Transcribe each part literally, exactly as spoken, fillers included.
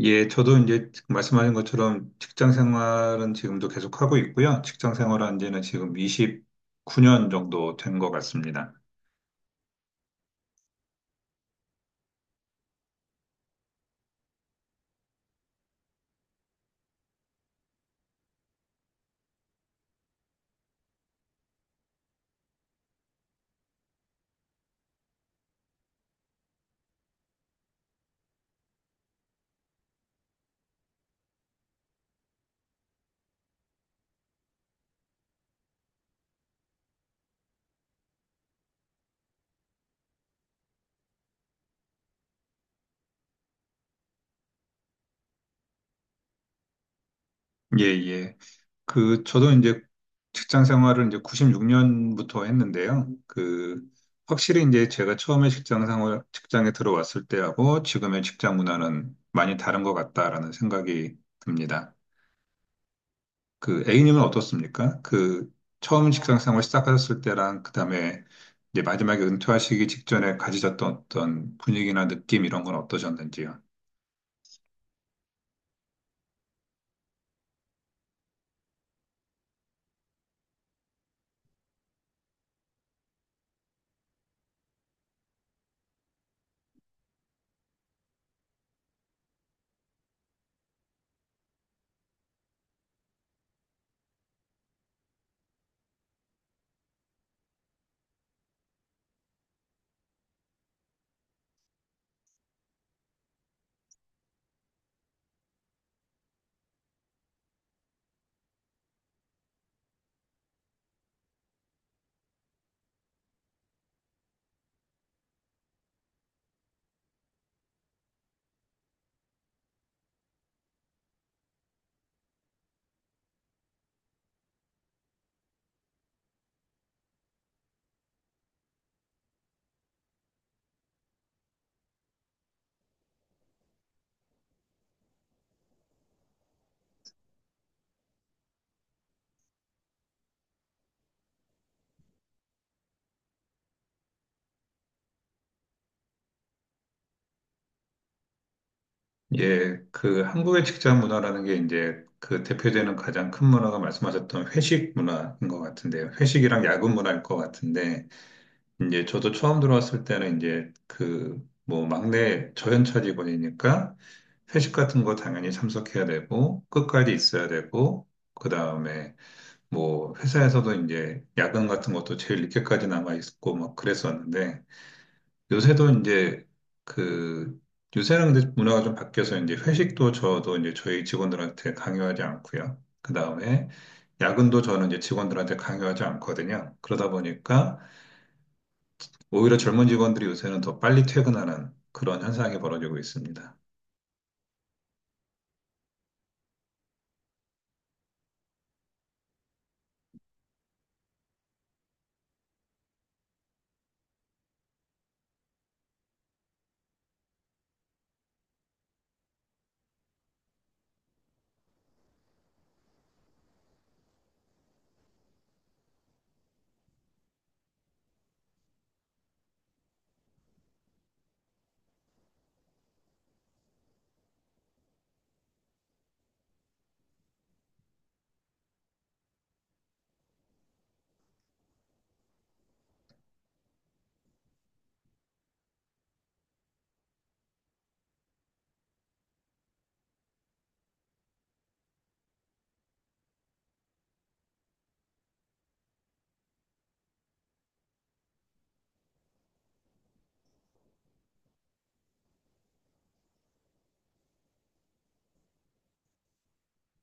예, 저도 이제 말씀하신 것처럼 직장 생활은 지금도 계속 하고 있고요. 직장 생활한 지는 지금 이십구 년 정도 된 것 같습니다. 예, 예. 그, 저도 이제 직장 생활을 이제 구십육 년부터 했는데요. 그, 확실히 이제 제가 처음에 직장 생활, 직장에 들어왔을 때하고 지금의 직장 문화는 많이 다른 것 같다라는 생각이 듭니다. 그 A님은 어떻습니까? 그 처음 직장생활 시작하셨을 때랑 그다음에 이제 마지막에 은퇴하시기 직전에 가지셨던 어떤 분위기나 느낌 이런 건 어떠셨는지요? 예, 그 한국의 직장 문화라는 게 이제 그 대표되는 가장 큰 문화가 말씀하셨던 회식 문화인 것 같은데요. 회식이랑 야근 문화일 것 같은데 이제 저도 처음 들어왔을 때는 이제 그 뭐 막내 저연차 직원이니까 회식 같은 거 당연히 참석해야 되고 끝까지 있어야 되고 그 다음에 뭐 회사에서도 이제 야근 같은 것도 제일 늦게까지 남아 있고 막 그랬었는데 요새도 이제 그 요새는 근데 문화가 좀 바뀌어서 이제 회식도 저도 이제 저희 직원들한테 강요하지 않고요. 그 다음에 야근도 저는 이제 직원들한테 강요하지 않거든요. 그러다 보니까 오히려 젊은 직원들이 요새는 더 빨리 퇴근하는 그런 현상이 벌어지고 있습니다.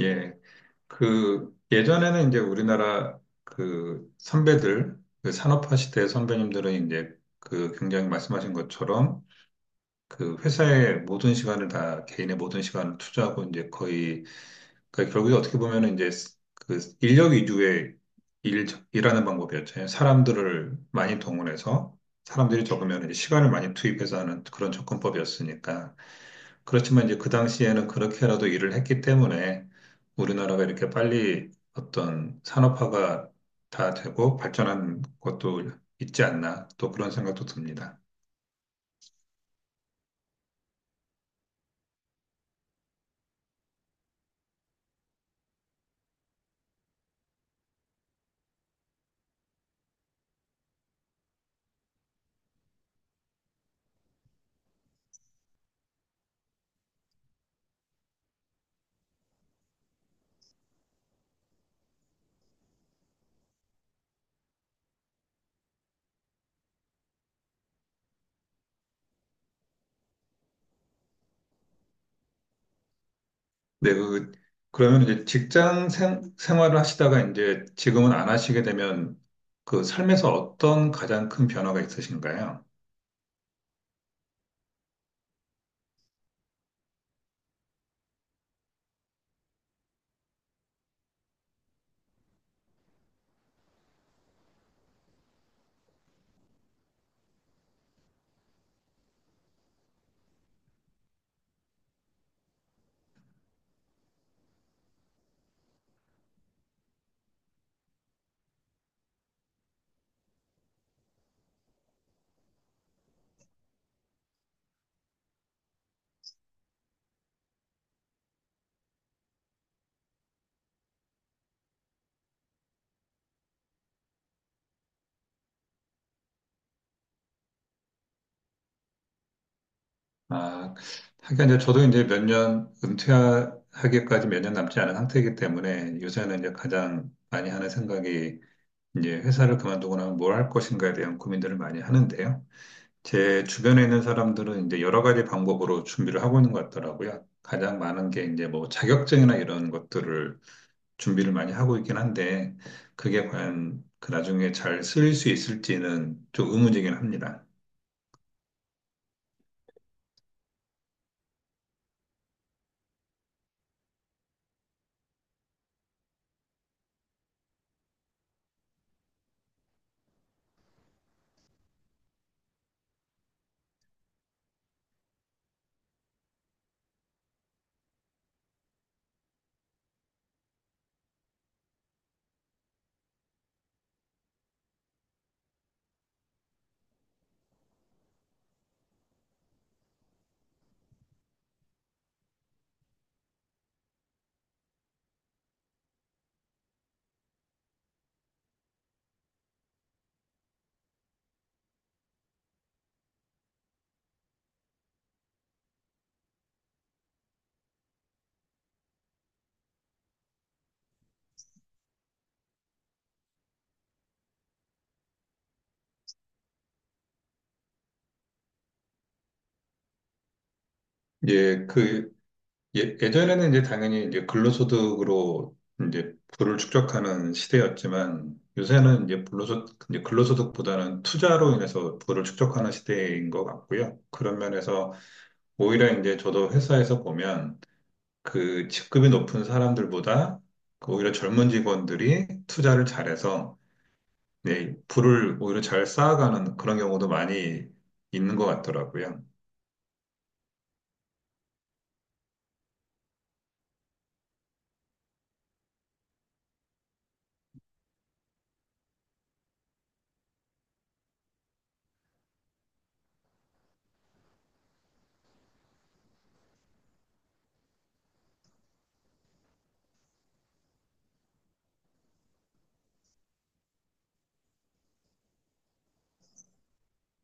예, 그 예전에는 이제 우리나라 그 선배들, 그 산업화 시대의 선배님들은 이제 그 굉장히 말씀하신 것처럼 그 회사의 모든 시간을 다 개인의 모든 시간을 투자하고 이제 거의 그러니까 결국에 어떻게 보면은 이제 그 인력 위주의 일, 일하는 방법이었잖아요. 사람들을 많이 동원해서 사람들이 적으면 이제 시간을 많이 투입해서 하는 그런 접근법이었으니까. 그렇지만 이제 그 당시에는 그렇게라도 일을 했기 때문에 우리나라가 이렇게 빨리 어떤 산업화가 다 되고 발전한 것도 있지 않나 또 그런 생각도 듭니다. 네, 그, 그러면 이제 직장 생, 생활을 하시다가 이제 지금은 안 하시게 되면 그 삶에서 어떤 가장 큰 변화가 있으신가요? 아, 하긴 이제 저도 이제 몇 년 은퇴하기까지 몇 년 남지 않은 상태이기 때문에 요새는 이제 가장 많이 하는 생각이 이제 회사를 그만두고 나면 뭘 할 것인가에 대한 고민들을 많이 하는데요. 제 주변에 있는 사람들은 이제 여러 가지 방법으로 준비를 하고 있는 것 같더라고요. 가장 많은 게 이제 뭐 자격증이나 이런 것들을 준비를 많이 하고 있긴 한데 그게 과연 그 나중에 잘 쓰일 수 있을지는 좀 의문이긴 합니다. 이제 그 예, 예전에는 이제 당연히 이제 근로소득으로 이제 부를 축적하는 시대였지만 요새는 이제 불로소득, 이제 근로소득보다는 투자로 인해서 부를 축적하는 시대인 것 같고요. 그런 면에서 오히려 이제 저도 회사에서 보면 그 직급이 높은 사람들보다 그 오히려 젊은 직원들이 투자를 잘해서 네, 부를 오히려 잘 쌓아가는 그런 경우도 많이 있는 것 같더라고요.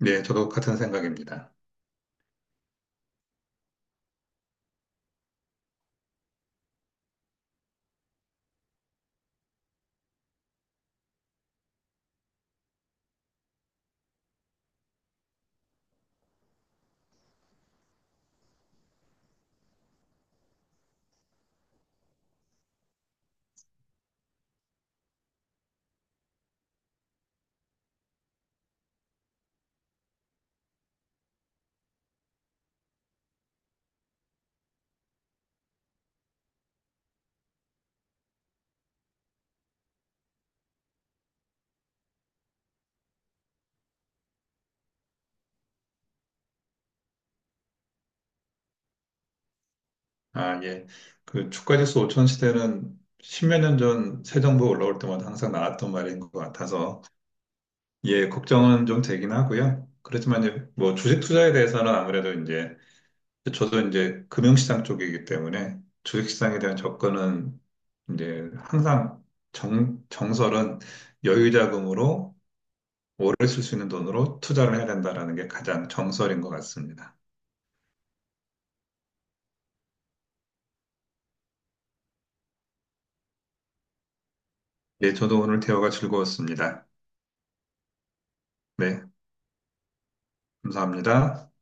네, 저도 같은 생각입니다. 아, 예. 그 주가지수 오천 시대는 십몇 년 전 새 정부 올라올 때마다 항상 나왔던 말인 것 같아서 예, 걱정은 좀 되긴 하고요. 그렇지만 이제 뭐 주식 투자에 대해서는 아무래도 이제 저도 이제 금융시장 쪽이기 때문에 주식시장에 대한 접근은 이제 항상 정, 정설은 여유자금으로 오래 쓸 수 있는 돈으로 투자를 해야 된다라는 게 가장 정설인 것 같습니다. 예, 저도 오늘 대화가 즐거웠습니다. 네, 감사합니다.